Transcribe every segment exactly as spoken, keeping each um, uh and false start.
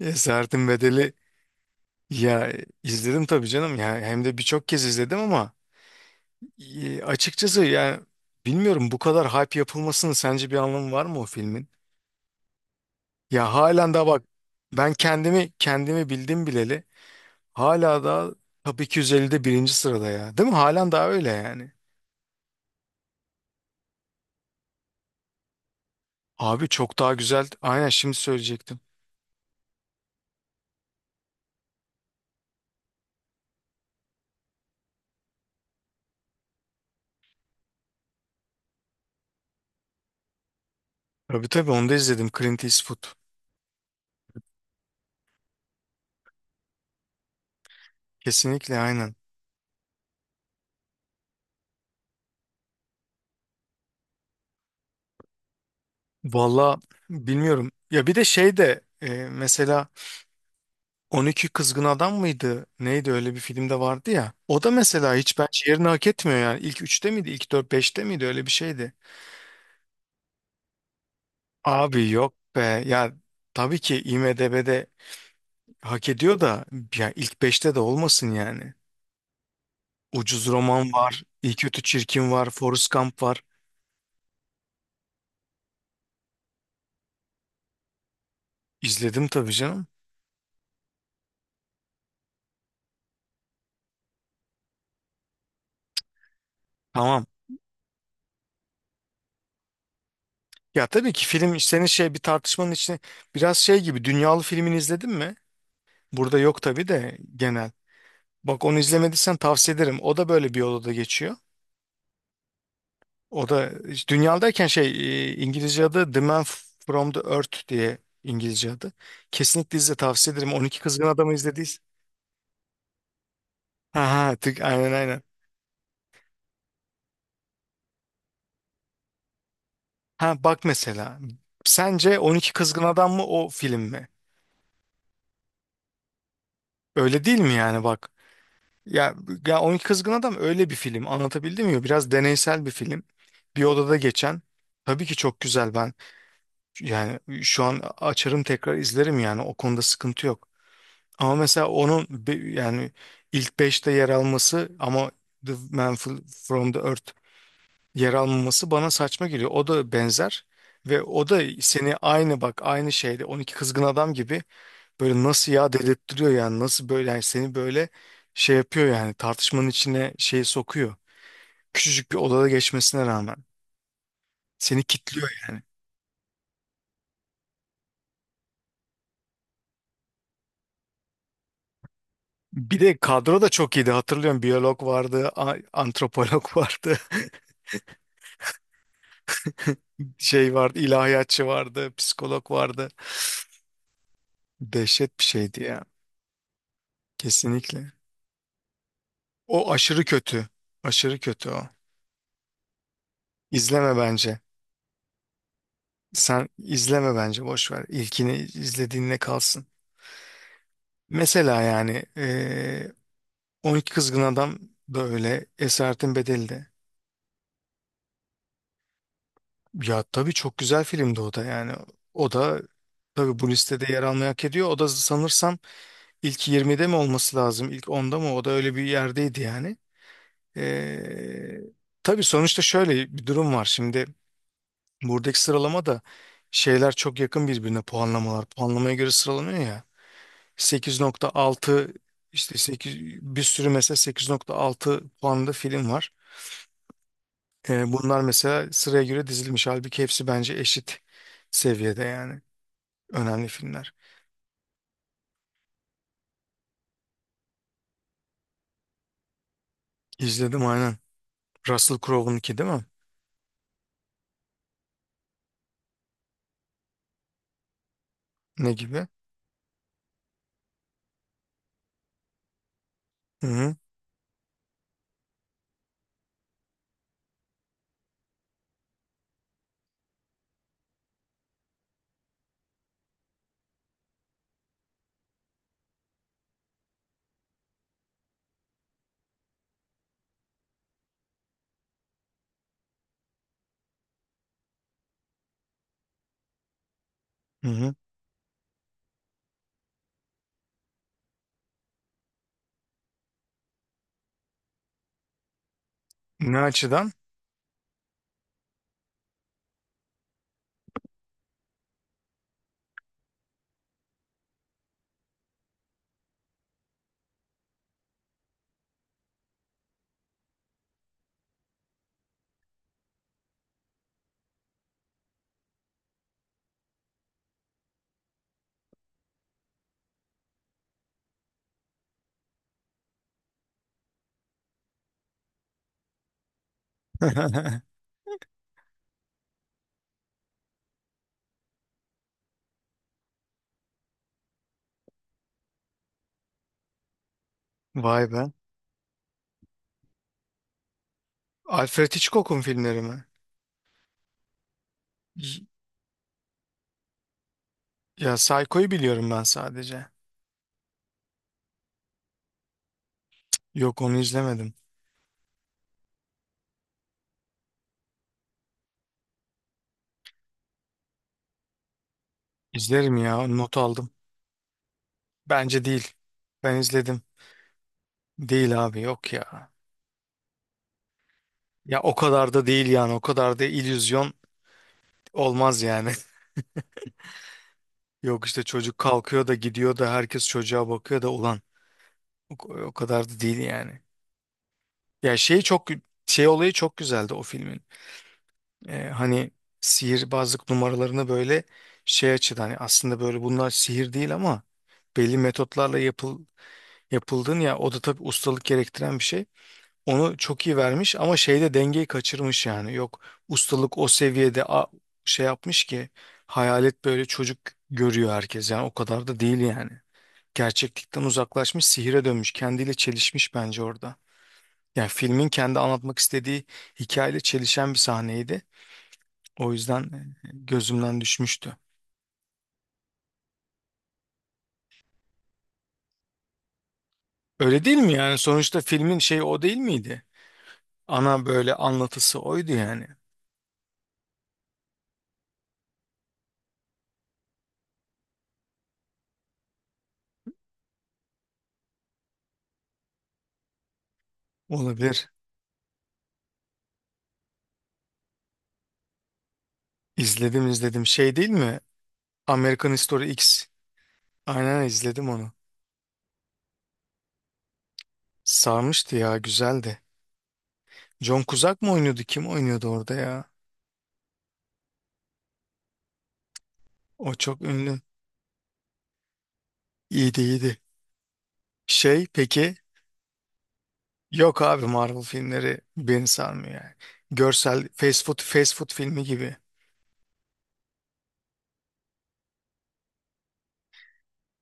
Esaretin Bedeli ya, izledim tabii canım, ya hem de birçok kez izledim ama e, açıkçası yani bilmiyorum, bu kadar hype yapılmasının sence bir anlamı var mı o filmin? Ya halen daha bak, ben kendimi kendimi bildim bileli hala da Top iki yüz ellide birinci sırada ya, değil mi? Halen daha öyle yani. Abi çok daha güzel, aynen şimdi söyleyecektim. Tabii tabii, onu da izledim, Clint Eastwood, kesinlikle aynen. Valla bilmiyorum ya, bir de şey de e, mesela on iki Kızgın Adam mıydı? Neydi öyle, bir filmde vardı ya. O da mesela hiç bence yerini hak etmiyor yani. İlk üçte miydi? İlk dört beşte miydi? Öyle bir şeydi. Abi yok be. Ya tabii ki IMDb'de hak ediyor da, ya ilk beşte de olmasın yani. Ucuz Roman var. İyi Kötü Çirkin var. Forrest Gump var. İzledim tabii canım. Tamam. Ya tabii ki film senin şey bir tartışmanın içine, biraz şey gibi, dünyalı filmini izledin mi? Burada yok tabii de, genel. Bak onu izlemediysen tavsiye ederim. O da böyle bir odada geçiyor. O da işte dünyadayken şey, e, İngilizce adı The Man From The Earth diye, İngilizce adı. Kesinlikle izle, tavsiye ederim. on iki Kızgın Adam'ı izlediyiz. Ha ha tık, aynen aynen. Ha bak mesela. Sence on iki Kızgın Adam mı, o film mi? Öyle değil mi yani, bak. Ya, ya on iki Kızgın Adam öyle bir film, anlatabildim mi? Biraz deneysel bir film. Bir odada geçen. Tabii ki çok güzel ben. Yani şu an açarım tekrar izlerim, yani o konuda sıkıntı yok. Ama mesela onun be- yani ilk beşte yer alması ama The Man F- From The Earth yer almaması bana saçma geliyor. O da benzer, ve o da seni aynı bak, aynı şeyde on iki Kızgın Adam gibi böyle nasıl ya dedirttiriyor yani, nasıl böyle yani seni böyle şey yapıyor yani, tartışmanın içine şeyi sokuyor. Küçücük bir odada geçmesine rağmen seni kitliyor yani. Bir de kadro da çok iyiydi, hatırlıyorum biyolog vardı, a- antropolog vardı. Şey vardı, ilahiyatçı vardı, psikolog vardı. Dehşet bir şeydi ya. Kesinlikle. O aşırı kötü. Aşırı kötü o. İzleme bence. Sen izleme bence, boş ver. İlkini izlediğinle kalsın. Mesela yani eee on iki Kızgın Adam da öyle, Esaretin Bedeli de. Ya tabii çok güzel filmdi o da yani. O da tabii bu listede yer almayı hak ediyor. O da sanırsam ilk yirmide mi olması lazım? İlk onda mı? O da öyle bir yerdeydi yani. Ee, tabii sonuçta şöyle bir durum var. Şimdi buradaki sıralama da şeyler çok yakın birbirine, puanlamalar. Puanlamaya göre sıralanıyor ya. sekiz nokta altı işte, sekiz, bir sürü mesela sekiz nokta altı puanlı film var. Ee, bunlar mesela sıraya göre dizilmiş. Halbuki hepsi bence eşit seviyede yani. Önemli filmler. İzledim aynen. Russell Crowe'unki değil mi? Ne gibi? Hı hı. Hı hı. Ne açıdan? Vay be. Alfred Hitchcock'un filmleri mi? Ya Psycho'yu biliyorum ben sadece. Yok onu izlemedim. İzlerim ya, not aldım. Bence değil. Ben izledim. Değil abi, yok ya. Ya o kadar da değil yani, o kadar da illüzyon olmaz yani. Yok işte, çocuk kalkıyor da gidiyor da herkes çocuğa bakıyor da, ulan o, o kadar da değil yani. Ya şey çok, şey olayı çok güzeldi o filmin. Ee, hani sihirbazlık numaralarını böyle şey açıdan, hani aslında böyle bunlar sihir değil ama belli metotlarla yapıl yapıldığın ya, o da tabii ustalık gerektiren bir şey. Onu çok iyi vermiş ama şeyde dengeyi kaçırmış yani. Yok, ustalık o seviyede a- şey yapmış ki hayalet böyle çocuk görüyor herkes, yani o kadar da değil yani. Gerçeklikten uzaklaşmış, sihire dönmüş, kendiyle çelişmiş bence orada. Yani filmin kendi anlatmak istediği hikayeyle çelişen bir sahneydi. O yüzden e, gözümden düşmüştü. Öyle değil mi yani? Sonuçta filmin şeyi o değil miydi? Ana böyle anlatısı oydu yani. Olabilir. İzledim izledim. Şey değil mi? American History X. Aynen, izledim onu. Sarmıştı ya, güzeldi. John Cusack mı oynuyordu? Kim oynuyordu orada ya? O çok ünlü. İyiydi iyiydi. Şey peki? Yok abi, Marvel filmleri beni sarmıyor yani. Görsel fast food, fast food filmi gibi.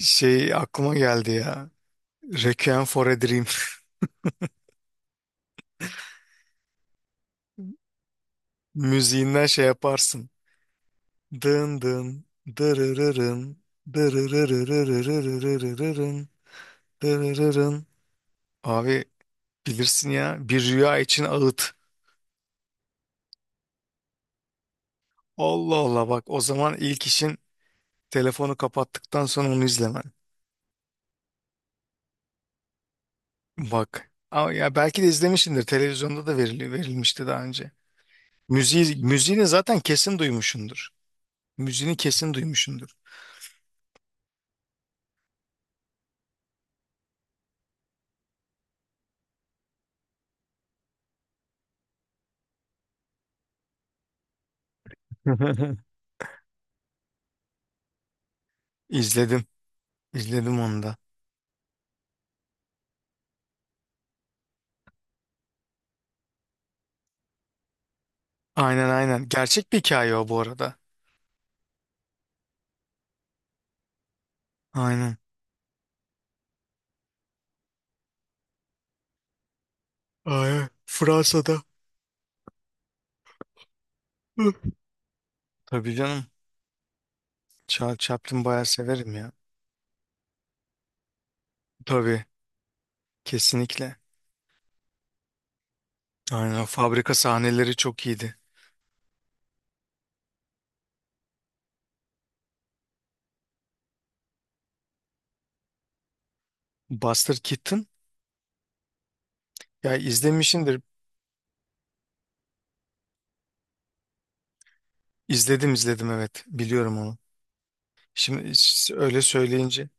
Şey aklıma geldi ya. Requiem for a Dream. Müziğinden şey yaparsın. Dın dın, dırırırın, dırırırırırırırırın, dırırırın. Abi bilirsin ya, bir rüya için ağıt. Allah Allah, bak o zaman ilk işin telefonu kapattıktan sonra onu izlemen. Bak ama ya belki de izlemişsindir, televizyonda da verili, verilmişti daha önce. Müziği, müziğini zaten kesin duymuşsundur. Müziğini kesin duymuşsundur. İzledim. İzledim onu da. Aynen aynen. Gerçek bir hikaye o, bu arada. Aynen. Aynen. Fransa'da. Hı. Tabii canım. Charles Chaplin bayağı severim ya. Tabii. Kesinlikle. Aynen, o fabrika sahneleri çok iyiydi. Buster Keaton ya, izlemişindir. İzledim izledim, evet biliyorum onu. Şimdi s- öyle söyleyince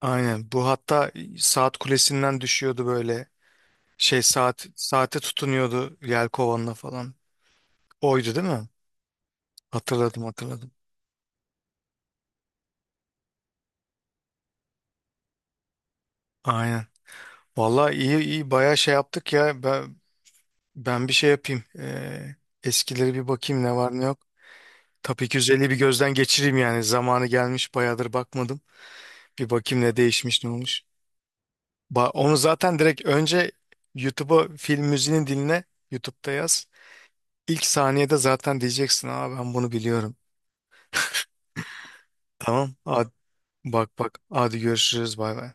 aynen, bu hatta saat kulesinden düşüyordu böyle, şey, saat saate tutunuyordu yelkovanla falan. Oydu değil mi? Hatırladım hatırladım. Aynen. Vallahi iyi iyi bayağı şey yaptık ya, ben ben bir şey yapayım. Ee, eskileri bir bakayım, ne var ne yok. Tabii ki yüz elli bir gözden geçireyim yani, zamanı gelmiş bayağıdır bakmadım. Bir bakayım ne değişmiş ne olmuş. Ba- onu zaten direkt önce YouTube'a film müziğini dinle. YouTube'da yaz. İlk saniyede zaten diyeceksin. Aa, ben bunu biliyorum. Tamam. Hadi, bak bak. Hadi görüşürüz. Bay bay.